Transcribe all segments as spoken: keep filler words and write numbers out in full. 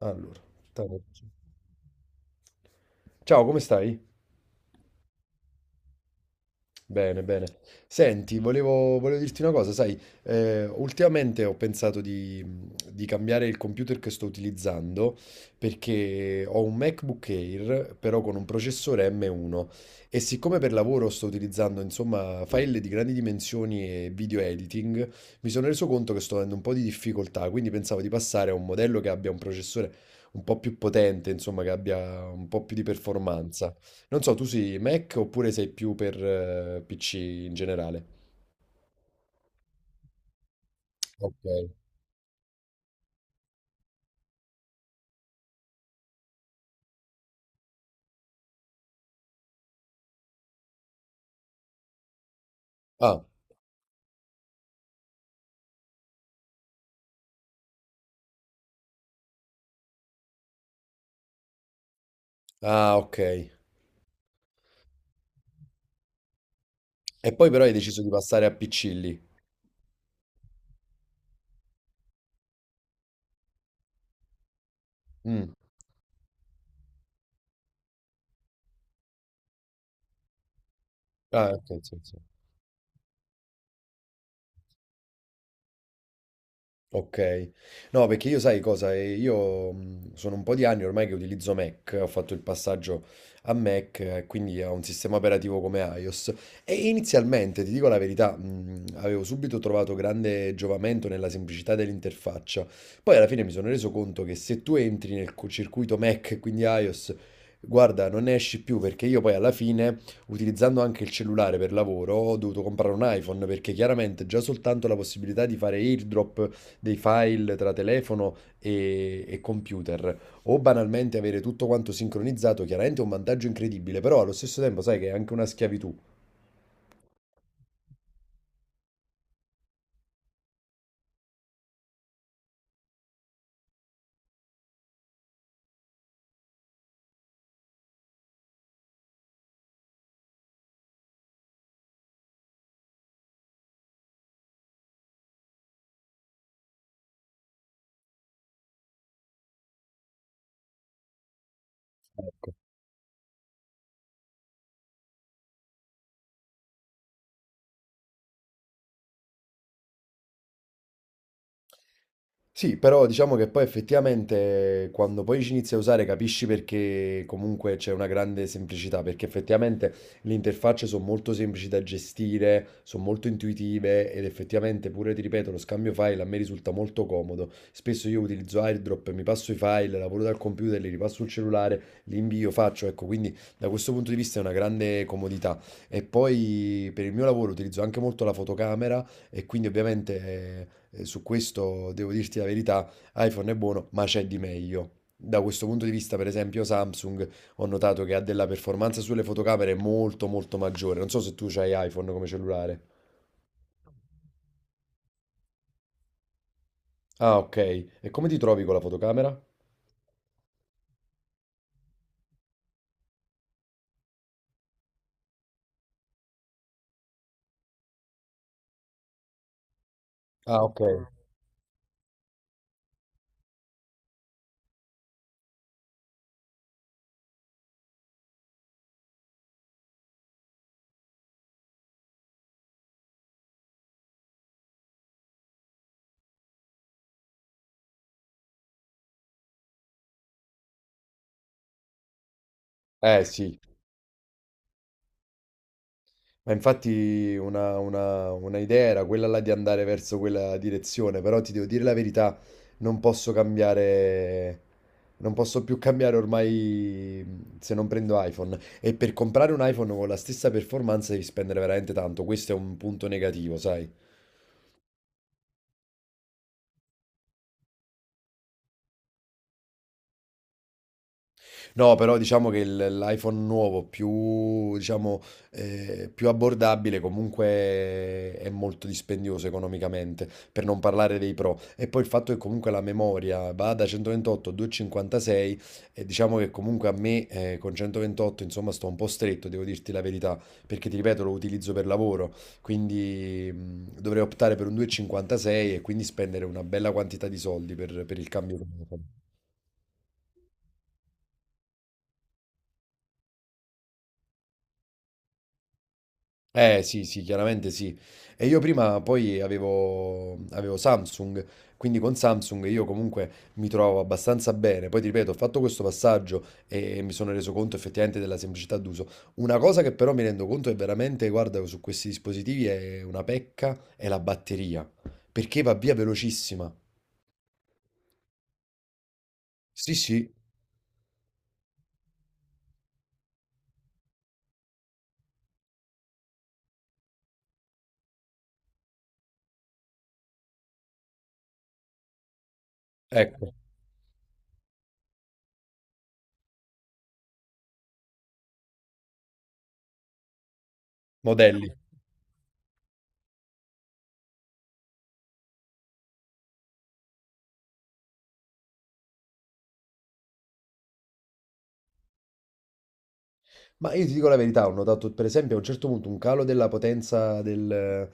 Allora, te la faccio. Ciao, come stai? Bene, bene. Senti, volevo, volevo dirti una cosa, sai, eh, ultimamente ho pensato di, di cambiare il computer che sto utilizzando perché ho un MacBook Air, però con un processore M uno. E siccome per lavoro sto utilizzando, insomma, file di grandi dimensioni e video editing, mi sono reso conto che sto avendo un po' di difficoltà, quindi pensavo di passare a un modello che abbia un processore un po' più potente, insomma, che abbia un po' più di performance. Non so, tu sei Mac oppure sei più per eh, P C in generale? Ok. Ah, ah, ok. E poi però hai deciso di passare a P C lì. Mm. Ah, ok, sì, sì. Ok, no perché io sai cosa, eh, io mh, sono un po' di anni ormai che utilizzo Mac, ho fatto il passaggio a Mac, eh, quindi a un sistema operativo come iOS. E inizialmente, ti dico la verità, mh, avevo subito trovato grande giovamento nella semplicità dell'interfaccia. Poi alla fine mi sono reso conto che se tu entri nel co- circuito Mac, quindi iOS, guarda, non ne esci più, perché io poi alla fine, utilizzando anche il cellulare per lavoro, ho dovuto comprare un iPhone, perché chiaramente già soltanto la possibilità di fare AirDrop dei file tra telefono e, e computer, o banalmente avere tutto quanto sincronizzato, chiaramente è un vantaggio incredibile, però allo stesso tempo sai che è anche una schiavitù. Sì, però diciamo che poi effettivamente quando poi ci inizi a usare capisci, perché comunque c'è una grande semplicità, perché effettivamente le interfacce sono molto semplici da gestire, sono molto intuitive ed effettivamente pure, ti ripeto, lo scambio file a me risulta molto comodo. Spesso io utilizzo AirDrop, mi passo i file, lavoro dal computer, li ripasso sul cellulare, li invio, faccio, ecco, quindi da questo punto di vista è una grande comodità. E poi per il mio lavoro utilizzo anche molto la fotocamera e quindi ovviamente... eh, eh, su questo devo dirti la verità, iPhone è buono, ma c'è di meglio. Da questo punto di vista, per esempio, Samsung ho notato che ha della performance sulle fotocamere molto molto maggiore. Non so se tu hai iPhone come cellulare. Ah, ok. E come ti trovi con la fotocamera? Ah, ok. Eh sì. Ma infatti una, una- una idea era quella là di andare verso quella direzione, però ti devo dire la verità, non posso cambiare, non posso più cambiare ormai se non prendo iPhone. E per comprare un iPhone con la stessa performance devi spendere veramente tanto, questo è un punto negativo, sai? No, però diciamo che il- l'iPhone nuovo più, diciamo, eh, più abbordabile comunque è molto dispendioso economicamente, per non parlare dei Pro. E poi il fatto che comunque la memoria va da centoventotto a duecentocinquantasei, e diciamo che comunque a me eh, con centoventotto insomma sto un po' stretto, devo dirti la verità, perché ti ripeto lo utilizzo per lavoro, quindi mh, dovrei optare per un duecentocinquantasei e quindi spendere una bella quantità di soldi per, per il cambio. Che mi farò. Eh sì, sì, chiaramente sì. E io prima poi avevo, avevo Samsung, quindi con Samsung io comunque mi trovo abbastanza bene. Poi ti ripeto, ho fatto questo passaggio e mi sono reso conto effettivamente della semplicità d'uso. Una cosa che però mi rendo conto è veramente, guarda, su questi dispositivi è una pecca, è la batteria, perché va via velocissima. Sì, sì, ecco, modelli. Ma io ti dico la verità, ho notato per esempio a un certo punto un calo della potenza del-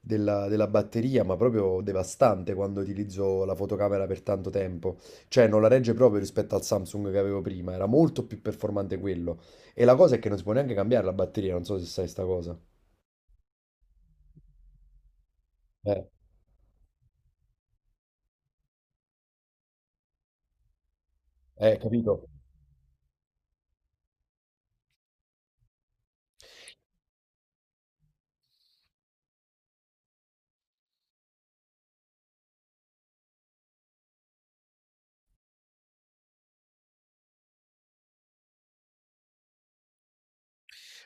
della, della batteria, ma proprio devastante quando utilizzo la fotocamera per tanto tempo. Cioè non la regge proprio rispetto al Samsung che avevo prima, era molto più performante quello. E la cosa è che non si può neanche cambiare la batteria, non so se sai sta cosa. Eh, eh, capito?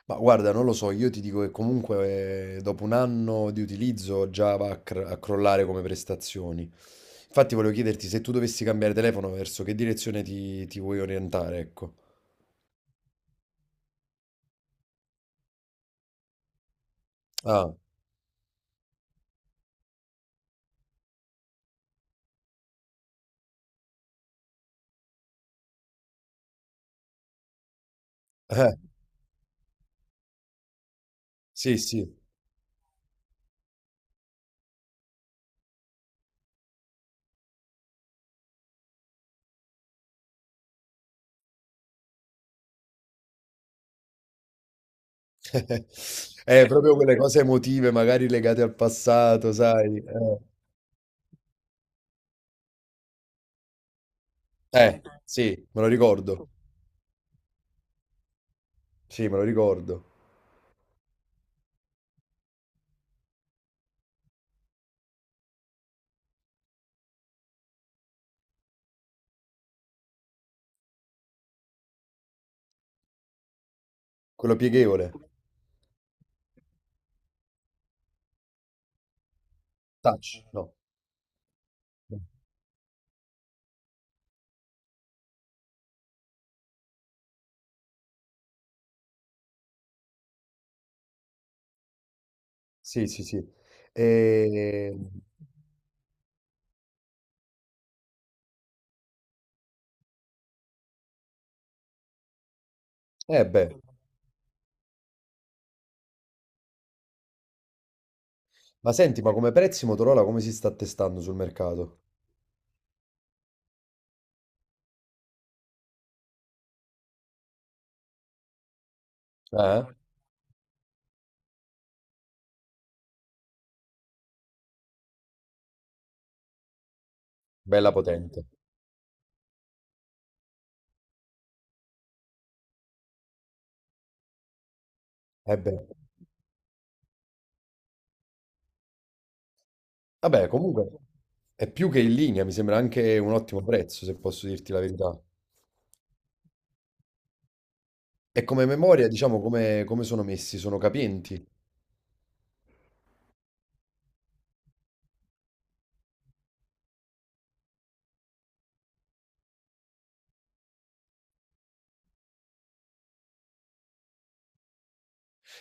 Ma guarda, non lo so, io ti dico che comunque eh, dopo un anno di utilizzo già va a, cr- a crollare come prestazioni. Infatti volevo chiederti se tu dovessi cambiare telefono, verso che direzione ti, ti vuoi orientare, ecco. Ah, eh, sì, sì. Eh, proprio quelle cose emotive, magari legate al passato, sai. Eh, Eh, sì, me lo ricordo. Sì, me lo ricordo. Quello pieghevole. Touch, no. Sì, sì, sì. E... Eh beh. Ma senti, ma come prezzi Motorola come si sta attestando sul mercato? Eh? Bella potente. Eh beh. Vabbè, comunque è più che in linea, mi sembra anche un ottimo prezzo, se posso dirti la verità. E come memoria, diciamo, come, come sono messi? Sono capienti?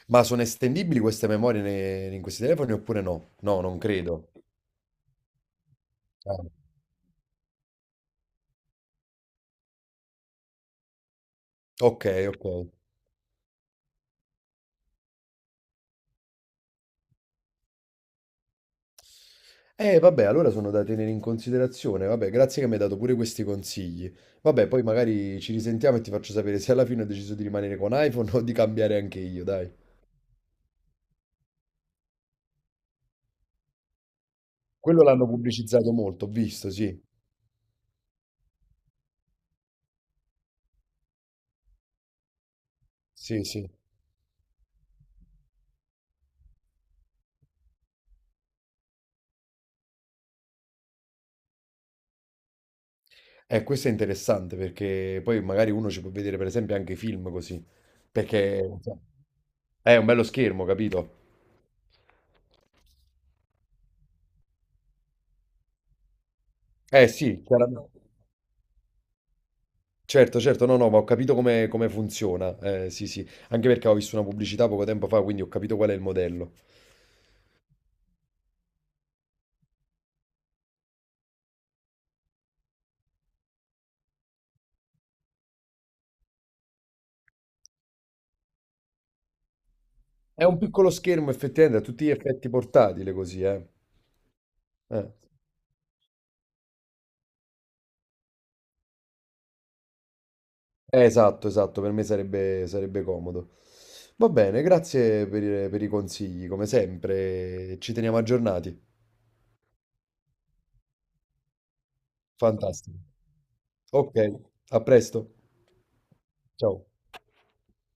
Ma sono estendibili queste memorie ne- in questi telefoni oppure no? No, non credo. Ah, ok, ok. Eh, vabbè, allora sono da tenere in considerazione. Vabbè, grazie che mi hai dato pure questi consigli. Vabbè, poi magari ci risentiamo e ti faccio sapere se alla fine ho deciso di rimanere con iPhone o di cambiare anche io, dai. Quello l'hanno pubblicizzato molto, ho visto, sì. Sì, sì. Eh, questo è interessante perché poi magari uno ci può vedere per esempio anche film così. Perché insomma, è un bello schermo, capito? Eh sì, chiaramente. Certo, certo, no, no, ma ho capito come, come funziona. Eh, sì, sì, anche perché ho visto una pubblicità poco tempo fa, quindi ho capito qual è il modello. È un piccolo schermo, effettivamente, a tutti gli effetti portatile così, eh. Eh, eh, esatto, esatto, per me sarebbe, sarebbe comodo. Va bene, grazie per, i per i consigli, come sempre, ci teniamo aggiornati. Fantastico. Ok, a presto. Ciao.